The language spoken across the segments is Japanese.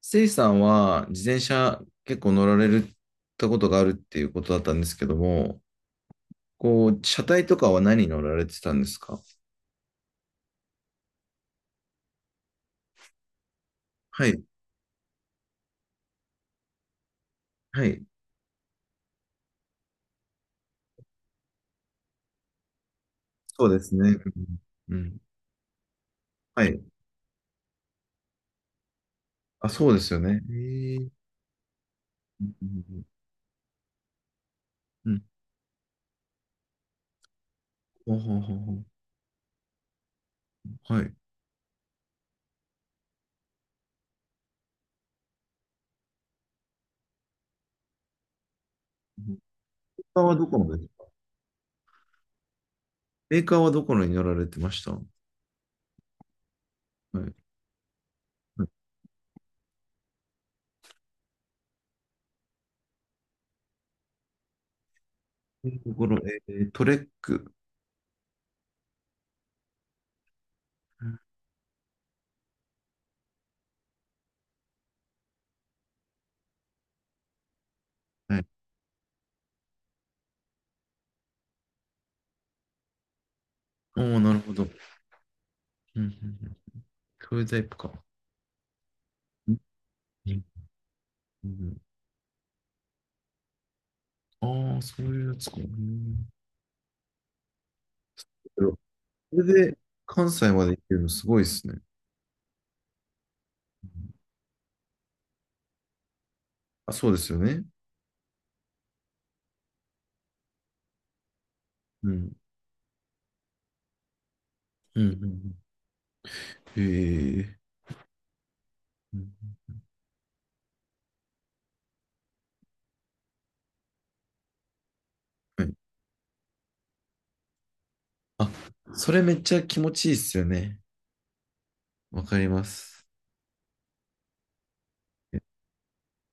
せいさんは自転車結構乗られるったことがあるっていうことだったんですけども、こう、車体とかは何乗られてたんですか？はい、はい、そうですね。うん、うん。はい。あ、そうですよね。へえ。うんうんうんうん、ほうほうほうほう。はい。メーカーはどこのですか？メーカーはどこのに乗られてましたは？い。はい。ところ、トレック。はい。おお、なるほど。うん。うん。うん。そういうタイプか。うん。うん。うん。ああ、そういうやつか。う、けど、それで関西まで行けるのすごいですね。うん。あ、そうですよね。うん。うん。うん。うん。へえ。うん。はい。あ、それめっちゃ気持ちいいっすよね。わかります。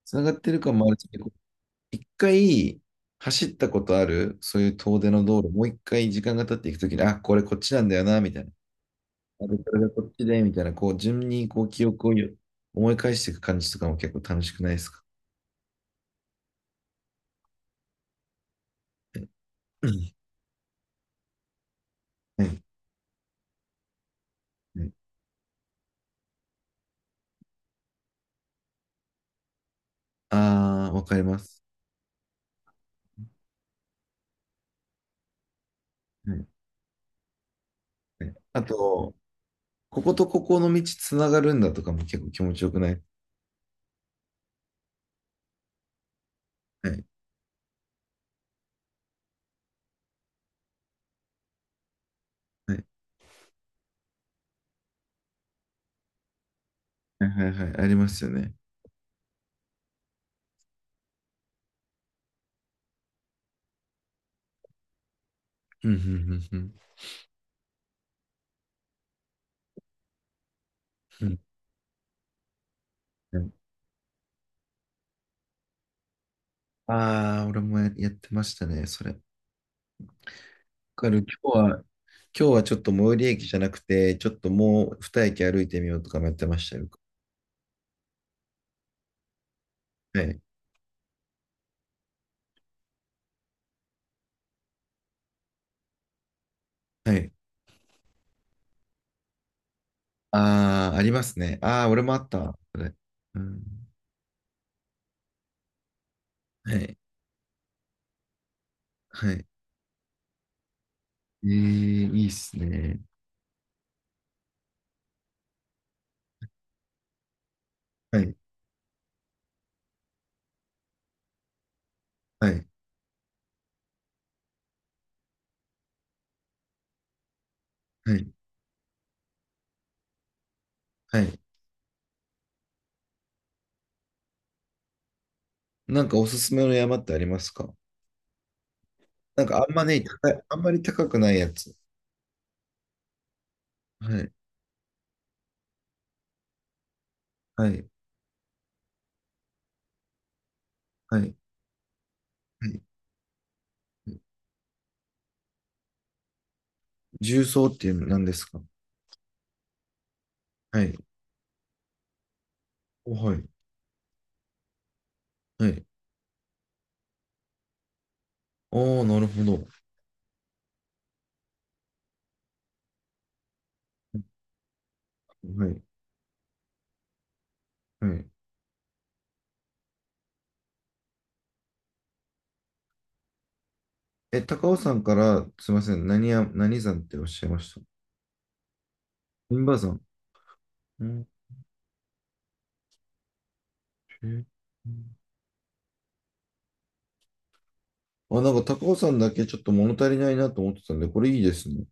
つながってる感もあるし、こう、一回走ったことある、そういう遠出の道路、もう一回時間が経っていくときに、あ、これこっちなんだよな、みたいな。あれ、これがこっちで、みたいな、こう、順にこう記憶をよ、思い返していく感じとかも結構楽しくないですか？うん。はい。はい。ああ、わかります。はい。はい。あと、こことここの道つながるんだとかも結構気持ちよくない？はい。はい。はいはいはい。ありますよね。うん、うん、うん、うん。うん。ああ、俺もやってましたね、それ。わかる。今日はちょっと最寄り駅じゃなくて、ちょっともう二駅歩いてみようとかもやってましたよ。はい。はい。ああ、ありますね。ああ、俺もあった。それ。うん。はい。はい。ええ、いいっすね。はい。はい。はい。はい。なんかおすすめの山ってありますか？なんかあんまね、あんまり高くないやつ。はい、はい、はい、はい。重曹っていうの何ですか？はい、おはい、はい。おー、なるほど。はい、はい。え、高尾山から、すいません、何山っておっしゃいました？銀馬山。うん。へー。あ、なんか高尾山だけちょっと物足りないなと思ってたんで、これいいですね。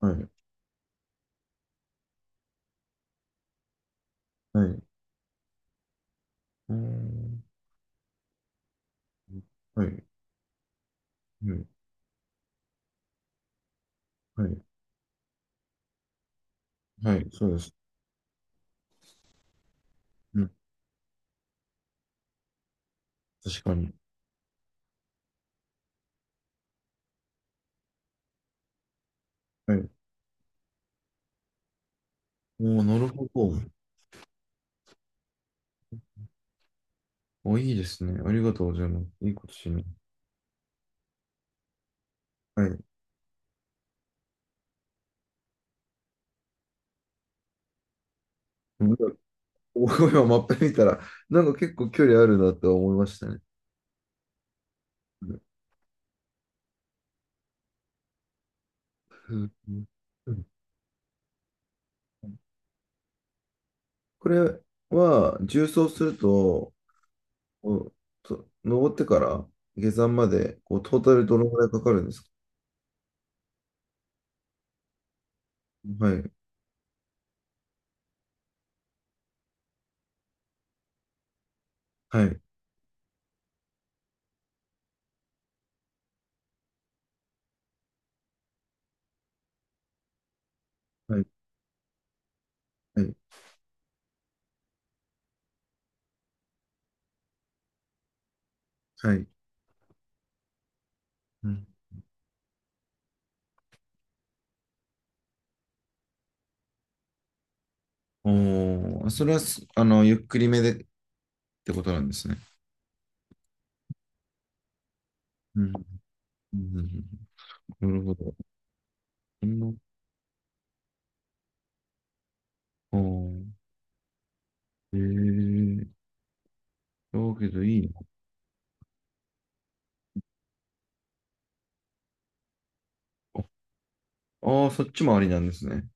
はい、はい。うん。はい、はい、はい、はい、そうです。うん、確かに。はい。おー、なるほど。お、いいですね。ありがとうございます。いいことします。はい。なんか、お、今マップ見たら、なんか結構距離あるなとは思いましたね。うん。うん。うん。これは、縦走すると、お、と登ってから下山まで、こう、トータルどのぐらいかかるんですか？はい。はい。はい。はい。はい。うん。おー、それはす、ゆっくりめでってことなんですね。うん。うん。うん。うん。なるほど。うん。おー。えー、だけどいいのか。ああ、そっちもありなんですね。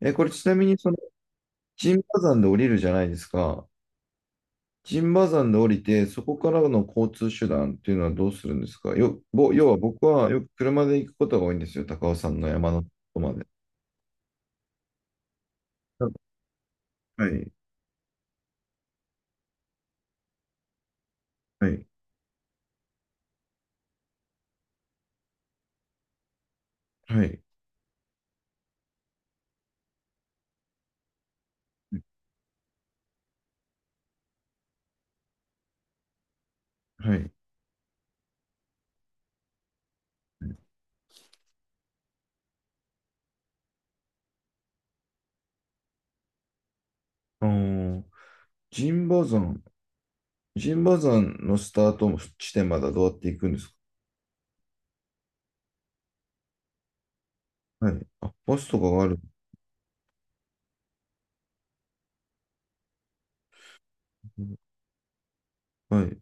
え、これちなみにその、陣馬山で降りるじゃないですか。陣馬山で降りて、そこからの交通手段っていうのはどうするんですか？要は僕はよく車で行くことが多いんですよ。高尾山の山のとこまで。はい、はい、はい、はい。あー、陣馬山、陣馬山のスタート地点まではどうやって行くんですか？はい。あ、バスとかがある。はい。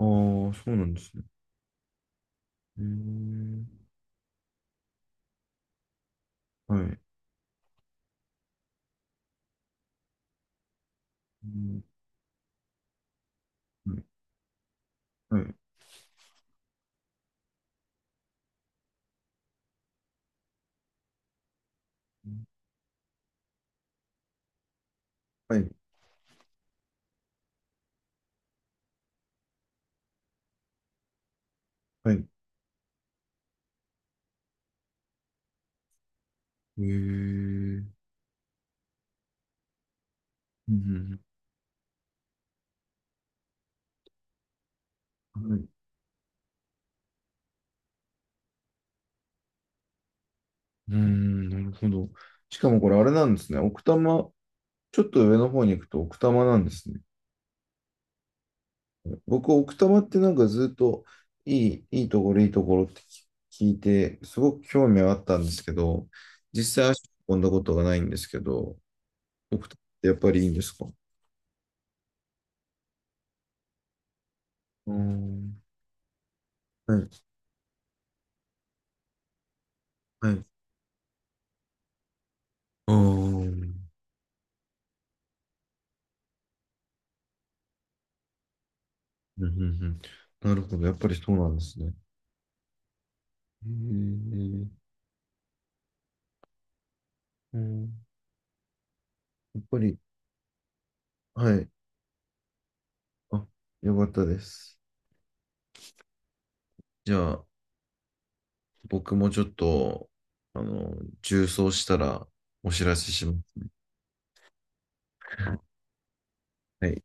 ああ、そうなんですね。うーん。はい。うん。はい。はい。はい。ええー。うん。はい。うーん、なるほど。しかもこれあれなんですね。奥多摩、ちょっと上の方に行くと奥多摩なんですね。僕、奥多摩ってなんかずっといいところ、いいところって聞いて、すごく興味はあったんですけど、実際足を運んだことがないんですけど、奥多摩ってやっぱりいいんですか？うーん。はい。はい。うーん。うん。うん。うん。なるほど。やっぱりそうなんですね。へえ。うん。やっぱり、はい。あ、よかったです。じゃあ、僕もちょっと、あの、重装したらお知らせしますね。はい。